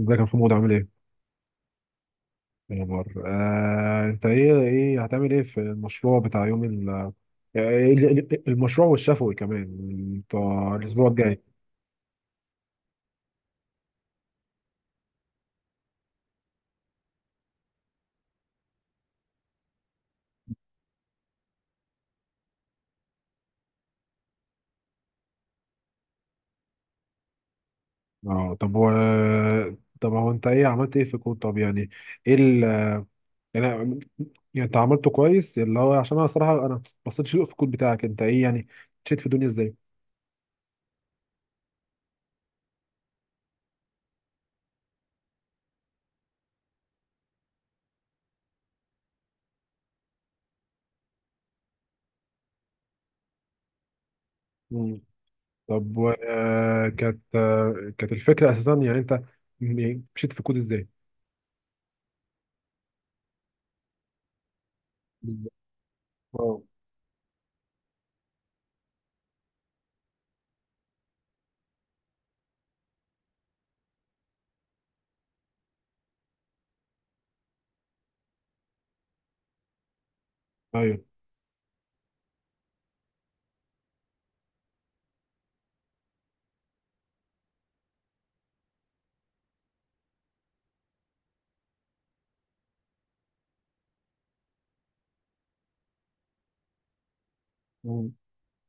ازيك يا محمود عامل ايه؟ ايه الاخبار؟ انت ايه هتعمل ايه في المشروع بتاع يوم ال آه، ايه ال- ال- المشروع والشفوي كمان بتاع الاسبوع الجاي؟ اه طب هو طب هو انت عملت ايه في الكود؟ طب يعني ايه ال يعني يعني انت عملته كويس، اللي هو، عشان الصراحه انا بصيت في الكود بتاعك، انت ايه يعني مشيت في الدنيا ازاي؟ مم. طب، كانت الفكره اساسا، يعني انت مشيت في الكود ازاي؟ بالظبط. اه، ايوه.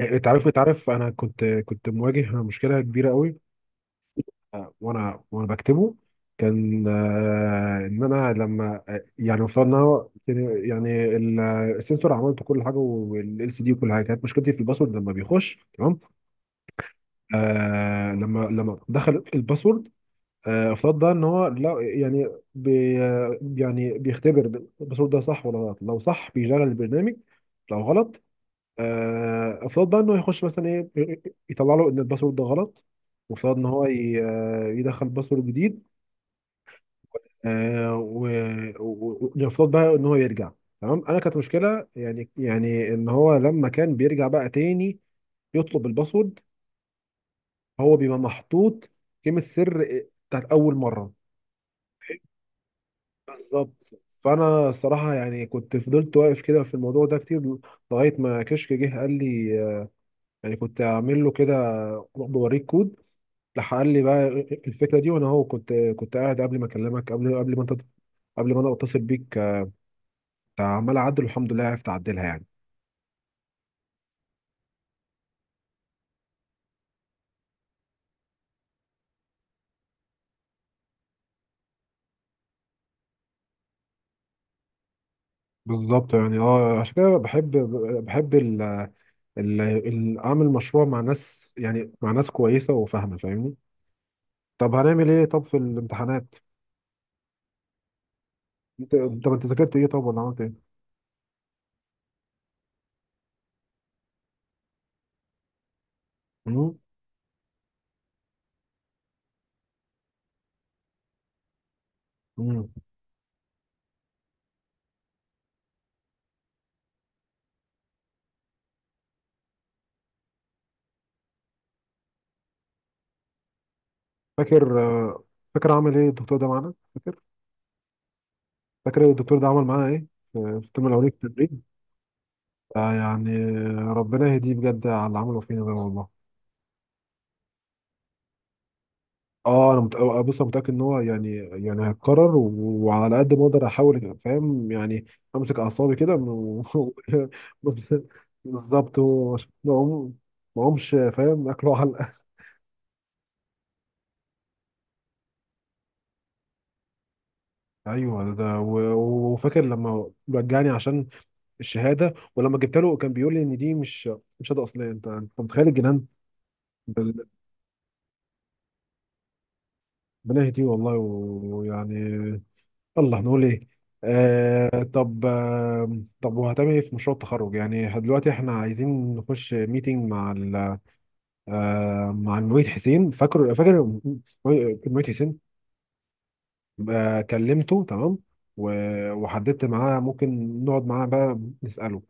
انت عارف، انا كنت مواجه مشكله كبيره قوي، وانا وانا بكتبه، كان، ان انا لما، يعني مفترض ان هو السنسور، عملت كل حاجه والال سي دي وكل حاجه، كانت مشكلتي في الباسورد لما بيخش تمام. لما دخل الباسورد، افترض بقى ان هو لا، يعني بي آه، يعني بيختبر الباسورد ده صح ولا غلط. لو صح بيشغل البرنامج، لو غلط، افترض بقى انه يخش مثلا ايه إيه، إيه، يطلع له ان الباسورد ده غلط. وافترض ان هو يدخل باسورد جديد، ويفترض بقى ان هو يرجع. تمام. كانت مشكله، يعني ان هو لما كان بيرجع بقى تاني يطلب الباسورد، هو بيبقى محطوط كلمه سر، بتاعت اول مره. بالظبط. فانا الصراحه يعني، كنت فضلت واقف كده في الموضوع ده كتير، لغايه ما كشك جه قال لي، يعني كنت اعمل له كده بوريك كود. راح قال لي بقى الفكره دي. وانا كنت قاعد قبل ما اكلمك، قبل ما انت قبل ما انا اتصل بيك، عمال اعدل، والحمد لله عرفت اعدلها يعني. بالظبط. يعني اه، عشان كده بحب اعمل مشروع مع ناس، يعني مع ناس كويسه وفاهمه، فاهمني. طب، هنعمل ايه في الامتحانات؟ انت، انت ذاكرت ايه، طب، ولا عملت ايه؟ مم؟ مم. فاكر؟ فاكر عمل ايه الدكتور ده معانا؟ فاكر، الدكتور ده عمل معانا ايه في الترم الاولاني في التدريب؟ يعني ربنا يهديه بجد على اللي عمله فينا ده والله. اه انا مت... آه، بص، انا متاكد ان هو، يعني هيتكرر و- وعلى قد ما اقدر احاول، فاهم يعني، امسك اعصابي كده. بالظبط، هو عشان ما اقومش فاهم اكله علقه. ايوه، وفاكر لما رجعني عشان الشهاده، ولما جبت له كان بيقول لي ان دي مش شهاده اصليه. انت متخيل الجنان؟ ده- ربنا يهديه والله، ويعني الله، نقول ايه. طب، طب، وهتعمل ايه في مشروع التخرج؟ يعني دلوقتي احنا عايزين نخش ميتنج مع ال آه مع المعيد حسين. فاكر، المعيد حسين؟ كلمته تمام، وحددت معاه ممكن نقعد معاه بقى نسأله.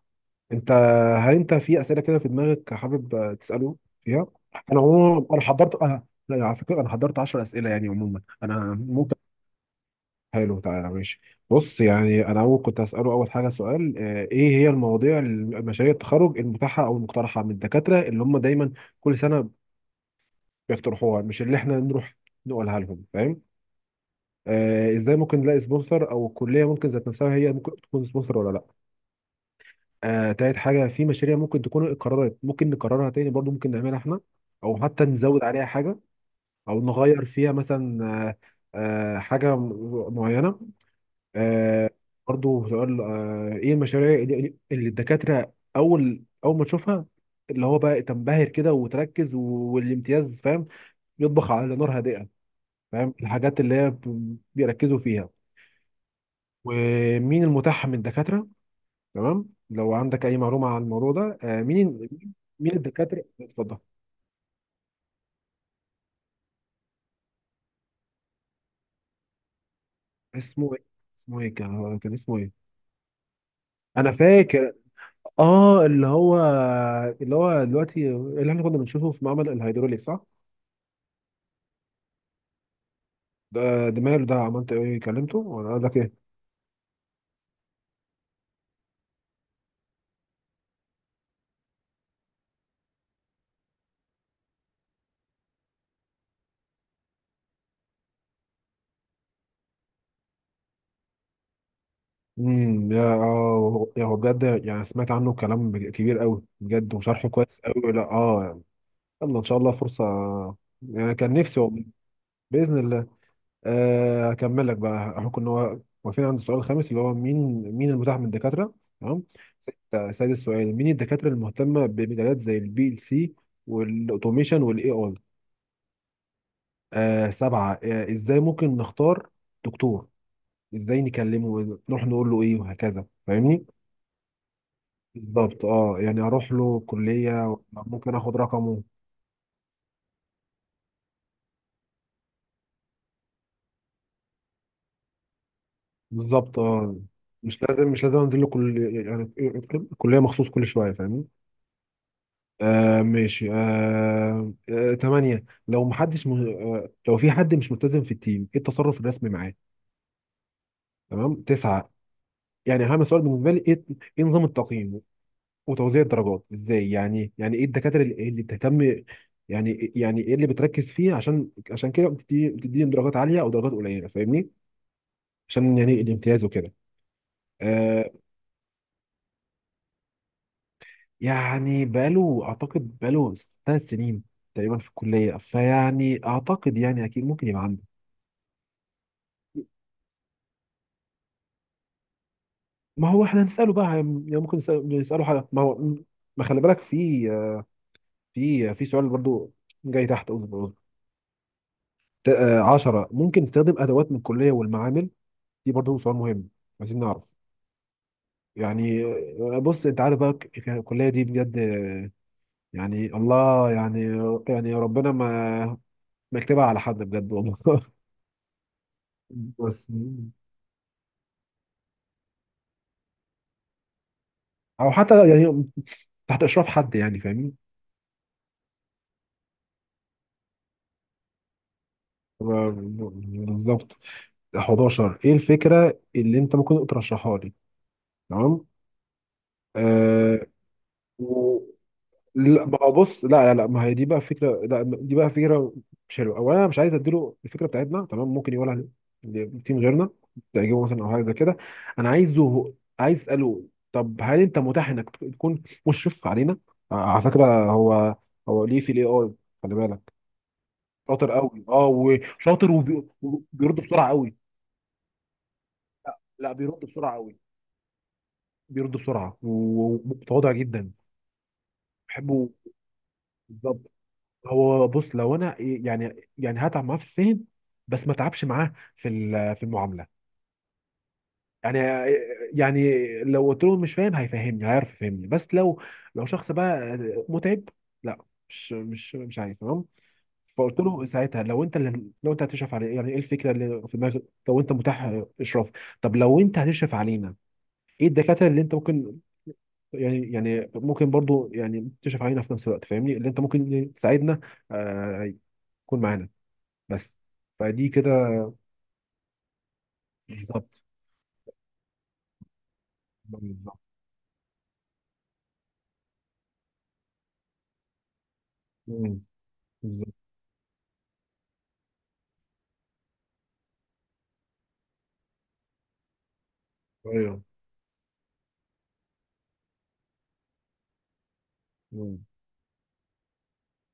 انت، هل انت في أسئلة كده في دماغك حابب، تسأله فيها؟ انا عموما، انا حضرت انا لا، على فكرة انا حضرت 10 أسئلة، يعني عموما انا ممكن. حلو، تعالى، ماشي. بص، يعني انا اول كنت هساله، اول حاجه سؤال: ايه هي المواضيع المشاريع التخرج المتاحه او المقترحه من الدكاتره اللي هم دايما كل سنه بيقترحوها، مش اللي احنا نروح نقولها لهم، فاهم. ازاي ممكن نلاقي سبونسر، او الكليه ممكن ذات نفسها هي ممكن تكون سبونسر ولا لا؟ تالت حاجه، في مشاريع ممكن تكون قررت ممكن نكررها تاني برضو ممكن نعملها احنا، او حتى نزود عليها حاجه، او نغير فيها مثلا، معينه آه برضه سؤال: ايه المشاريع اللي الدكاترة اول ما تشوفها، اللي هو بقى تنبهر كده وتركز، والامتياز، فاهم، يطبخ على نار هادئة. فاهم الحاجات اللي هي بيركزوا فيها، ومين المتاح من الدكاترة. تمام. لو عندك اي معلومة عن الموضوع ده، مين، الدكاترة، اتفضل. اسمه ايه؟ كان، اسمه ايه؟ انا فاكر. اه اللي هو، دلوقتي اللي احنا كنا بنشوفه في معمل الهيدروليك، صح؟ ده ماله؟ ده عملت ايه، كلمته ولا قال لك ايه؟ يا اه يا هو بجد، يعني سمعت عنه كلام كبير قوي بجد، وشرحه كويس قوي، لا اه يعني. يلا ان شاء الله فرصه، يعني كان نفسي والله. باذن الله. هكمل لك بقى. احنا كنا واقفين عند السؤال الخامس اللي هو مين، المتاح من الدكاتره. تمام. سادس سؤال: مين الدكاتره المهتمه بمجالات زي PLC والاوتوميشن والاي اي؟ سبعه: ازاي ممكن نختار دكتور، ازاي نكلمه، نروح نقول له ايه وهكذا، فاهمني. بالظبط، اه، يعني اروح له كلية ولا ممكن اخد رقمه؟ بالظبط، اه. مش لازم انزل له كل، يعني كلية مخصوص، كل شوية، فاهمني. ماشي. تمانية: لو محدش م... آه لو في حد مش ملتزم في التيم، ايه التصرف الرسمي معاه؟ تمام. تسعة: يعني اهم سؤال بالنسبة لي ايه، نظام التقييم وتوزيع الدرجات ازاي. يعني ايه الدكاتره اللي بتهتم، يعني ايه اللي بتركز فيه، عشان كده بتدي، بتديهم درجات عاليه او درجات قليله، فاهمني. عشان يعني الامتياز وكده. آه يعني بقاله، اعتقد بقاله 3 سنين تقريبا في الكليه، فيعني اعتقد يعني اكيد ممكن يبقى عنده. ما هو احنا هنساله بقى، يعني ممكن نساله حاجه. ما هو ما خلي بالك، في، في سؤال برضو جاي تحت، اصبر اصبر. 10، ممكن تستخدم ادوات من الكليه والمعامل؟ دي برضه سؤال مهم، عايزين نعرف يعني. بص، انت عارف بقى، الكليه دي بجد، يعني الله يعني، ربنا ما يكتبها على حد بجد والله. بس، او حتى يعني تحت اشراف حد يعني، فاهمني. بالظبط. 11: ايه الفكره اللي انت ممكن ترشحها لي؟ تمام. آه لا، ما هو بص، لا لا لا، ما هي دي بقى فكره، لا دي بقى فكره مش حلوه. اولا انا مش عايز اديله الفكره بتاعتنا، تمام. ممكن يقولها لتيم غيرنا، تعجبه مثلا، او حاجه زي كده. انا عايز اساله: طب هل انت متاح انك تكون مشرف علينا؟ على فكره هو، ليه في AI، خلي بالك. شاطر قوي، اه، وشاطر، وبيرد بسرعه قوي. لا، بيرد بسرعه قوي، بيرد بسرعه ومتواضع جدا، بحبه. بالظبط. هو بص، لو انا، يعني هتعب معاه في الفهم، بس ما تعبش معاه في في المعامله. يعني يعني لو قلت له مش فاهم هيفهمني، هيعرف يفهمني. بس لو شخص بقى متعب، لا، مش عايز، تمام. فقلت له ساعتها، لو انت هتشرف علي، يعني ايه الفكره اللي في دماغك لو انت متاح اشراف؟ طب لو انت هتشرف علينا، ايه الدكاتره اللي انت ممكن، يعني ممكن برضو يعني تشرف علينا في نفس الوقت، فاهمني، اللي انت ممكن تساعدنا، آه، يكون معانا بس. فدي كده. بالظبط بالظبط مم. بالظبط، ايوه. مم.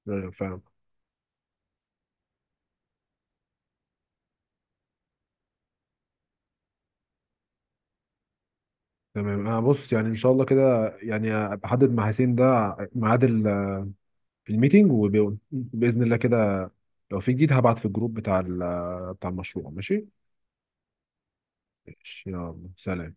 ايوه، فاهم. تمام، انا بص، يعني ان شاء الله كده، يعني أبقى احدد مع حسين ده ميعاد الميتنج، وباذن الله كده، لو في جديد هبعت في الجروب بتاع بتاع المشروع، ماشي. ماشي يلا سلام.